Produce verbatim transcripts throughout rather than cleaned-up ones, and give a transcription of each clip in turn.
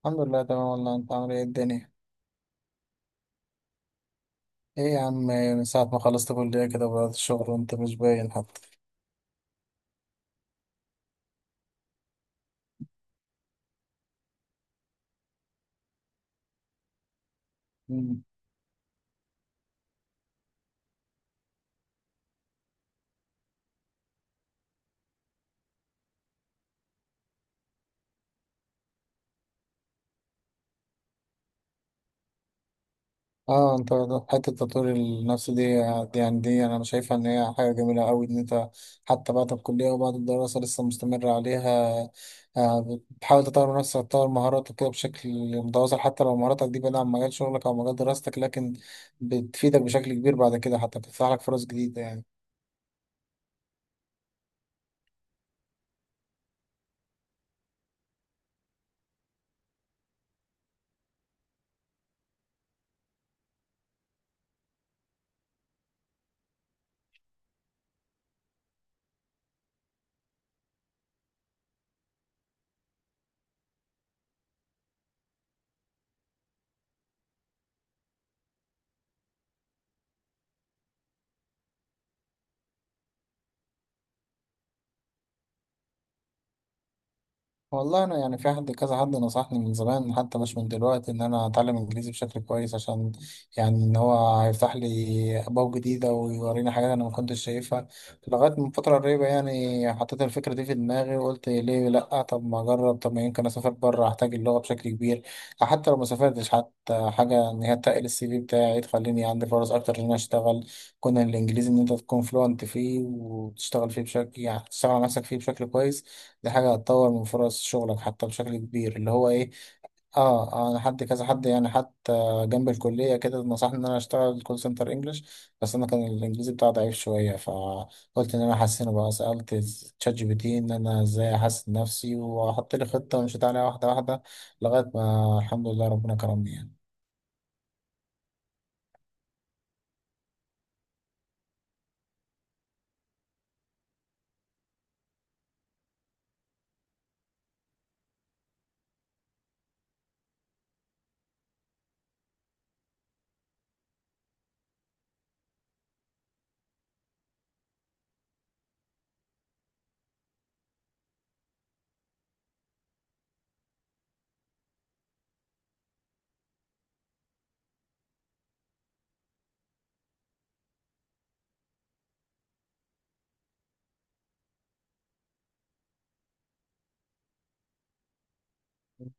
الحمد لله تمام، والله انت عامل ايه الدنيا؟ ايه يا عم، من ساعة ما خلصت كلية كده بدأت الشغل وانت مش باين حتى. مم. اه انت، حتة تطوير النفس دي دي يعني دي انا شايفها ان هي حاجة جميلة قوي، ان انت حتى بعد الكلية وبعد الدراسة لسه مستمر عليها. آه، بتحاول تطور نفسك، تطور مهاراتك كده بشكل متواصل، حتى لو مهاراتك دي بعيدة عن مجال شغلك او مجال دراستك، لكن بتفيدك بشكل كبير بعد كده، حتى بتفتح لك فرص جديدة يعني. والله انا يعني في حد كذا حد نصحني من زمان، حتى مش من دلوقتي، ان انا اتعلم انجليزي بشكل كويس، عشان يعني ان هو هيفتح لي ابواب جديده ويوريني حاجات انا ما كنتش شايفها. لغايه من فتره قريبه يعني حطيت الفكره دي في دماغي وقلت ليه لا، طب ما اجرب، طب ما يمكن اسافر بره احتاج اللغه بشكل كبير. حتى لو ما سافرتش حتى حاجه، ان هي تقل السي في بتاعي تخليني عندي فرص اكتر ان انا اشتغل. كون الانجليزي، ان انت تكون فلوينت فيه وتشتغل فيه بشكل، يعني تشتغل على نفسك فيه بشكل كويس، دي حاجة هتطور من فرص شغلك حتى بشكل كبير، اللي هو ايه. اه آه، انا حد كذا حد يعني، حتى جنب الكلية كده نصحني ان انا اشتغل كول سنتر انجلش، بس انا كان الانجليزي بتاعي ضعيف شوية فقلت ان انا احسنه بقى. سألت تشات جي بي تي ان انا ازاي احسن نفسي، وحط لي خطة ومشيت عليها واحدة واحدة لغاية ما الحمد لله ربنا كرمني. يعني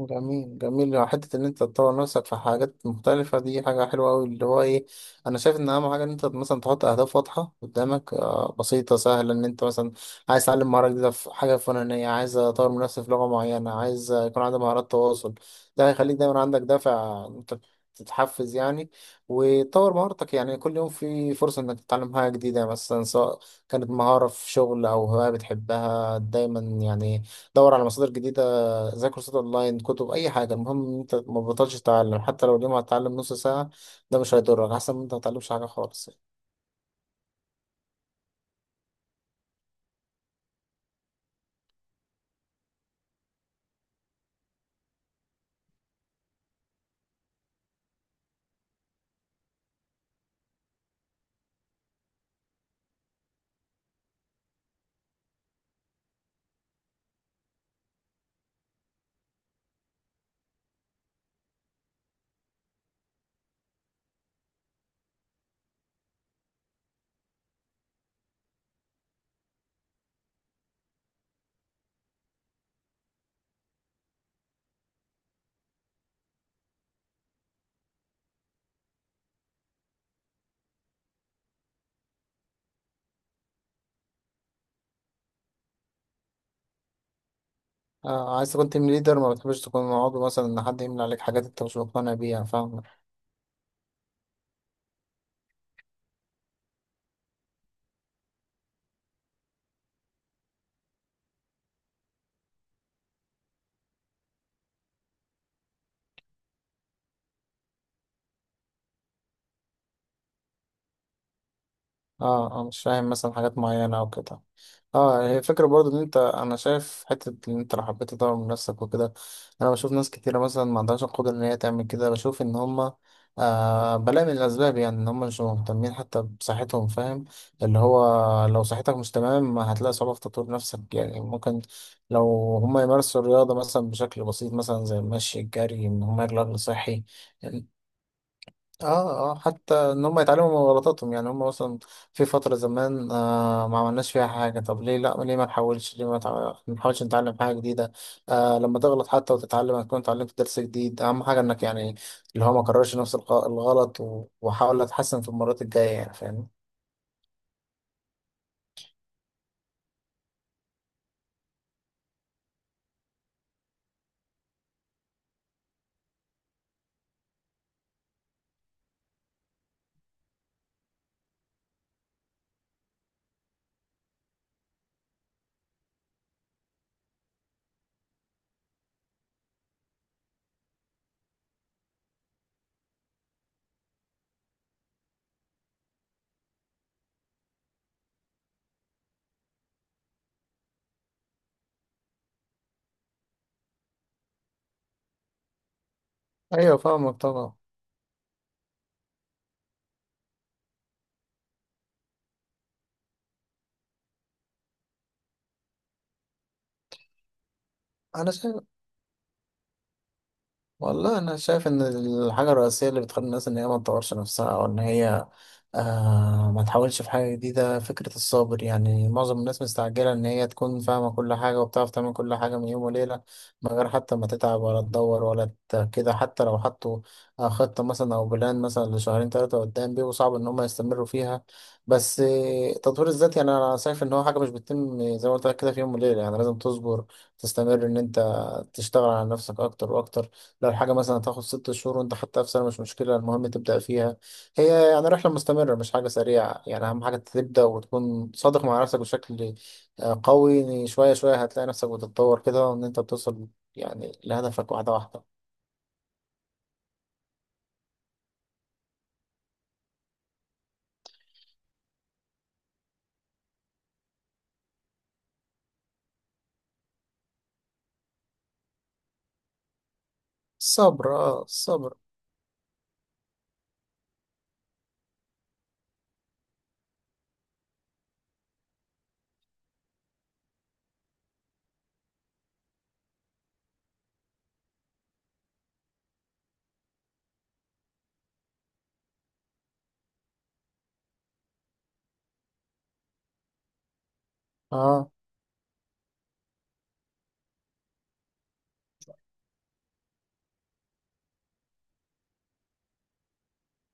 جميل جميل، يعني حتة إن أنت تطور نفسك في حاجات مختلفة دي حاجة حلوة أوي، اللي هو إيه، أنا شايف إن أهم حاجة إن أنت مثلا تحط أهداف واضحة قدامك، آه، بسيطة سهلة. إن أنت مثلا عايز تتعلم مهارة جديدة في حاجة فلانية، عايز أطور من نفسي في لغة معينة، عايز يكون عندي مهارات تواصل، ده هيخليك دايما عندك دافع، أنت تتحفز يعني، وتطور مهارتك. يعني كل يوم في فرصة إنك تتعلم حاجة جديدة مثلا، سواء كانت مهارة في شغل أو هواية بتحبها. دايما يعني دور على مصادر جديدة زي كورسات اونلاين، كتب، اي حاجه، المهم ان انت ما بطلش تتعلم. حتى لو اليوم هتتعلم نص ساعه ده مش هيضرك، احسن من انت ما تتعلمش حاجه خالص يعني. آه، عايز تكون تيم ليدر، ما بتحبش تكون عضو مثلا، ان حد يملى عليك حاجات انت مش مقتنع بيها، فاهم. اه آه، مش فاهم مثلا حاجات معينه او كده. اه يعني هي الفكرة برضو ان انت، انا شايف حتة ان انت لو حبيت تطور من نفسك وكده. انا بشوف ناس كتيرة مثلا ما عندهاش القدرة ان هي تعمل كده، بشوف ان هما آه بلاقي من الاسباب يعني ان هما مش مهتمين حتى بصحتهم، فاهم. اللي هو لو صحتك مش تمام هتلاقي صعوبة في تطوير نفسك يعني. ممكن لو هما يمارسوا الرياضة مثلا بشكل بسيط، مثلا زي المشي، الجري، ان هما ياكلوا اكل صحي. اه اه، حتى ان هم يتعلموا من غلطاتهم. يعني هم مثلا في فترة زمان آه ما عملناش فيها حاجة، طب ليه لا؟ ليه ما نحاولش؟ ليه ما تع- نحاولش نتعلم حاجة جديدة؟ آه لما تغلط حتى وتتعلم هتكون اتعلمت درس جديد. اهم حاجة انك، يعني اللي هو ما كررش نفس الغ- الغلط، و- وحاول اتحسن في المرات الجاية يعني، فاهم. ايوه فاهمك طبعا. انا شايف، والله انا شايف ان الحاجه الرئيسيه اللي بتخلي الناس ان هي ما تطورش نفسها، او ان هي آه ما تحاولش في حاجه جديده، فكره الصبر. يعني معظم الناس مستعجله ان هي تكون فاهمه كل حاجه وبتعرف تعمل كل حاجه من يوم وليله، من غير حتى ما تتعب ولا تدور ولا ت- كده. حتى لو حطوا آه، خطه مثلا او بلان مثلا لشهرين ثلاثه قدام بيبقوا صعب ان هم يستمروا فيها. بس آه، تطوير الذات يعني انا شايف ان هو حاجه مش بتتم زي ما قلت لك كده في يوم وليله. يعني لازم تصبر، تستمر ان انت تشتغل على نفسك اكتر واكتر. لو الحاجة مثلا تاخد ست شهور وانت حتى في سنة، مش مشكلة، المهم تبدأ فيها. هي يعني رحلة مستمرة مش حاجة سريعة يعني. أهم حاجة تبدأ وتكون صادق مع نفسك بشكل آه، قوي. يعني شوية شوية هتلاقي نفسك بتتطور كده، وإن أنت بتوصل يعني لهدفك واحدة واحدة. الصبر، اه الصبر. اه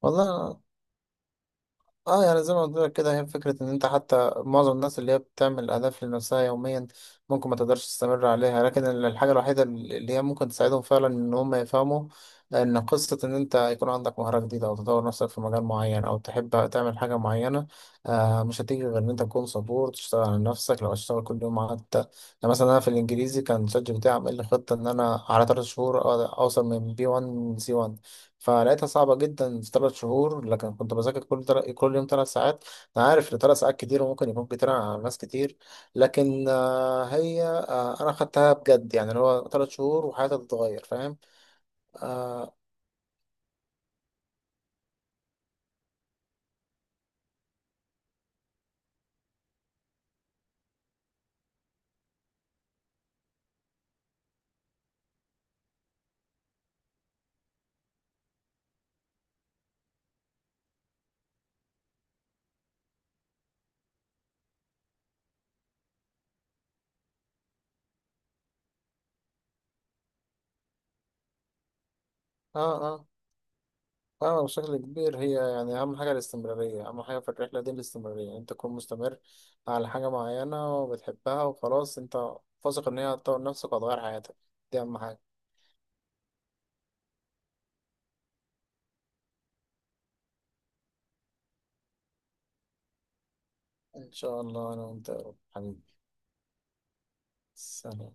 والله. اه يعني زي ما قلت لك كده، هي فكرة ان انت، حتى معظم الناس اللي هي بتعمل اهداف لنفسها يوميا ممكن ما تقدرش تستمر عليها. لكن ال- الحاجة الوحيدة اللي هي ممكن تساعدهم فعلا ان هم يفهموا ان قصة ان انت يكون عندك مهارة جديدة او تطور نفسك في مجال معين او تحب تعمل حاجة معينة، آه مش هتيجي غير ان انت تكون صبور، تشتغل على نفسك لو هتشتغل كل يوم حتى. يعني مثلا انا في الانجليزي كان شات جي بي تي عامل لي خطة ان انا على ثلاث شهور أقدر اوصل من بي واحد سي واحد. فلقيتها صعبة جدا في ثلاث شهور، لكن كنت بذاكر كل تل... كل يوم ثلاث ساعات. أنا عارف إن ثلاث ساعات كتير وممكن يكون كتير على ناس كتير، لكن آه، هي، آه، أنا خدتها بجد. يعني اللي هو ثلاث شهور وحياتي تتغير، فاهم. آه آه آه فاهمة بشكل كبير. هي يعني أهم حاجة الاستمرارية، أهم حاجة في الرحلة دي الاستمرارية، أنت تكون مستمر على حاجة معينة وبتحبها، وخلاص أنت واثق إن هي هتطور نفسك وهتغير حياتك. دي أهم حاجة. إن شاء الله أنا وأنت يا رب حبيبي. سلام.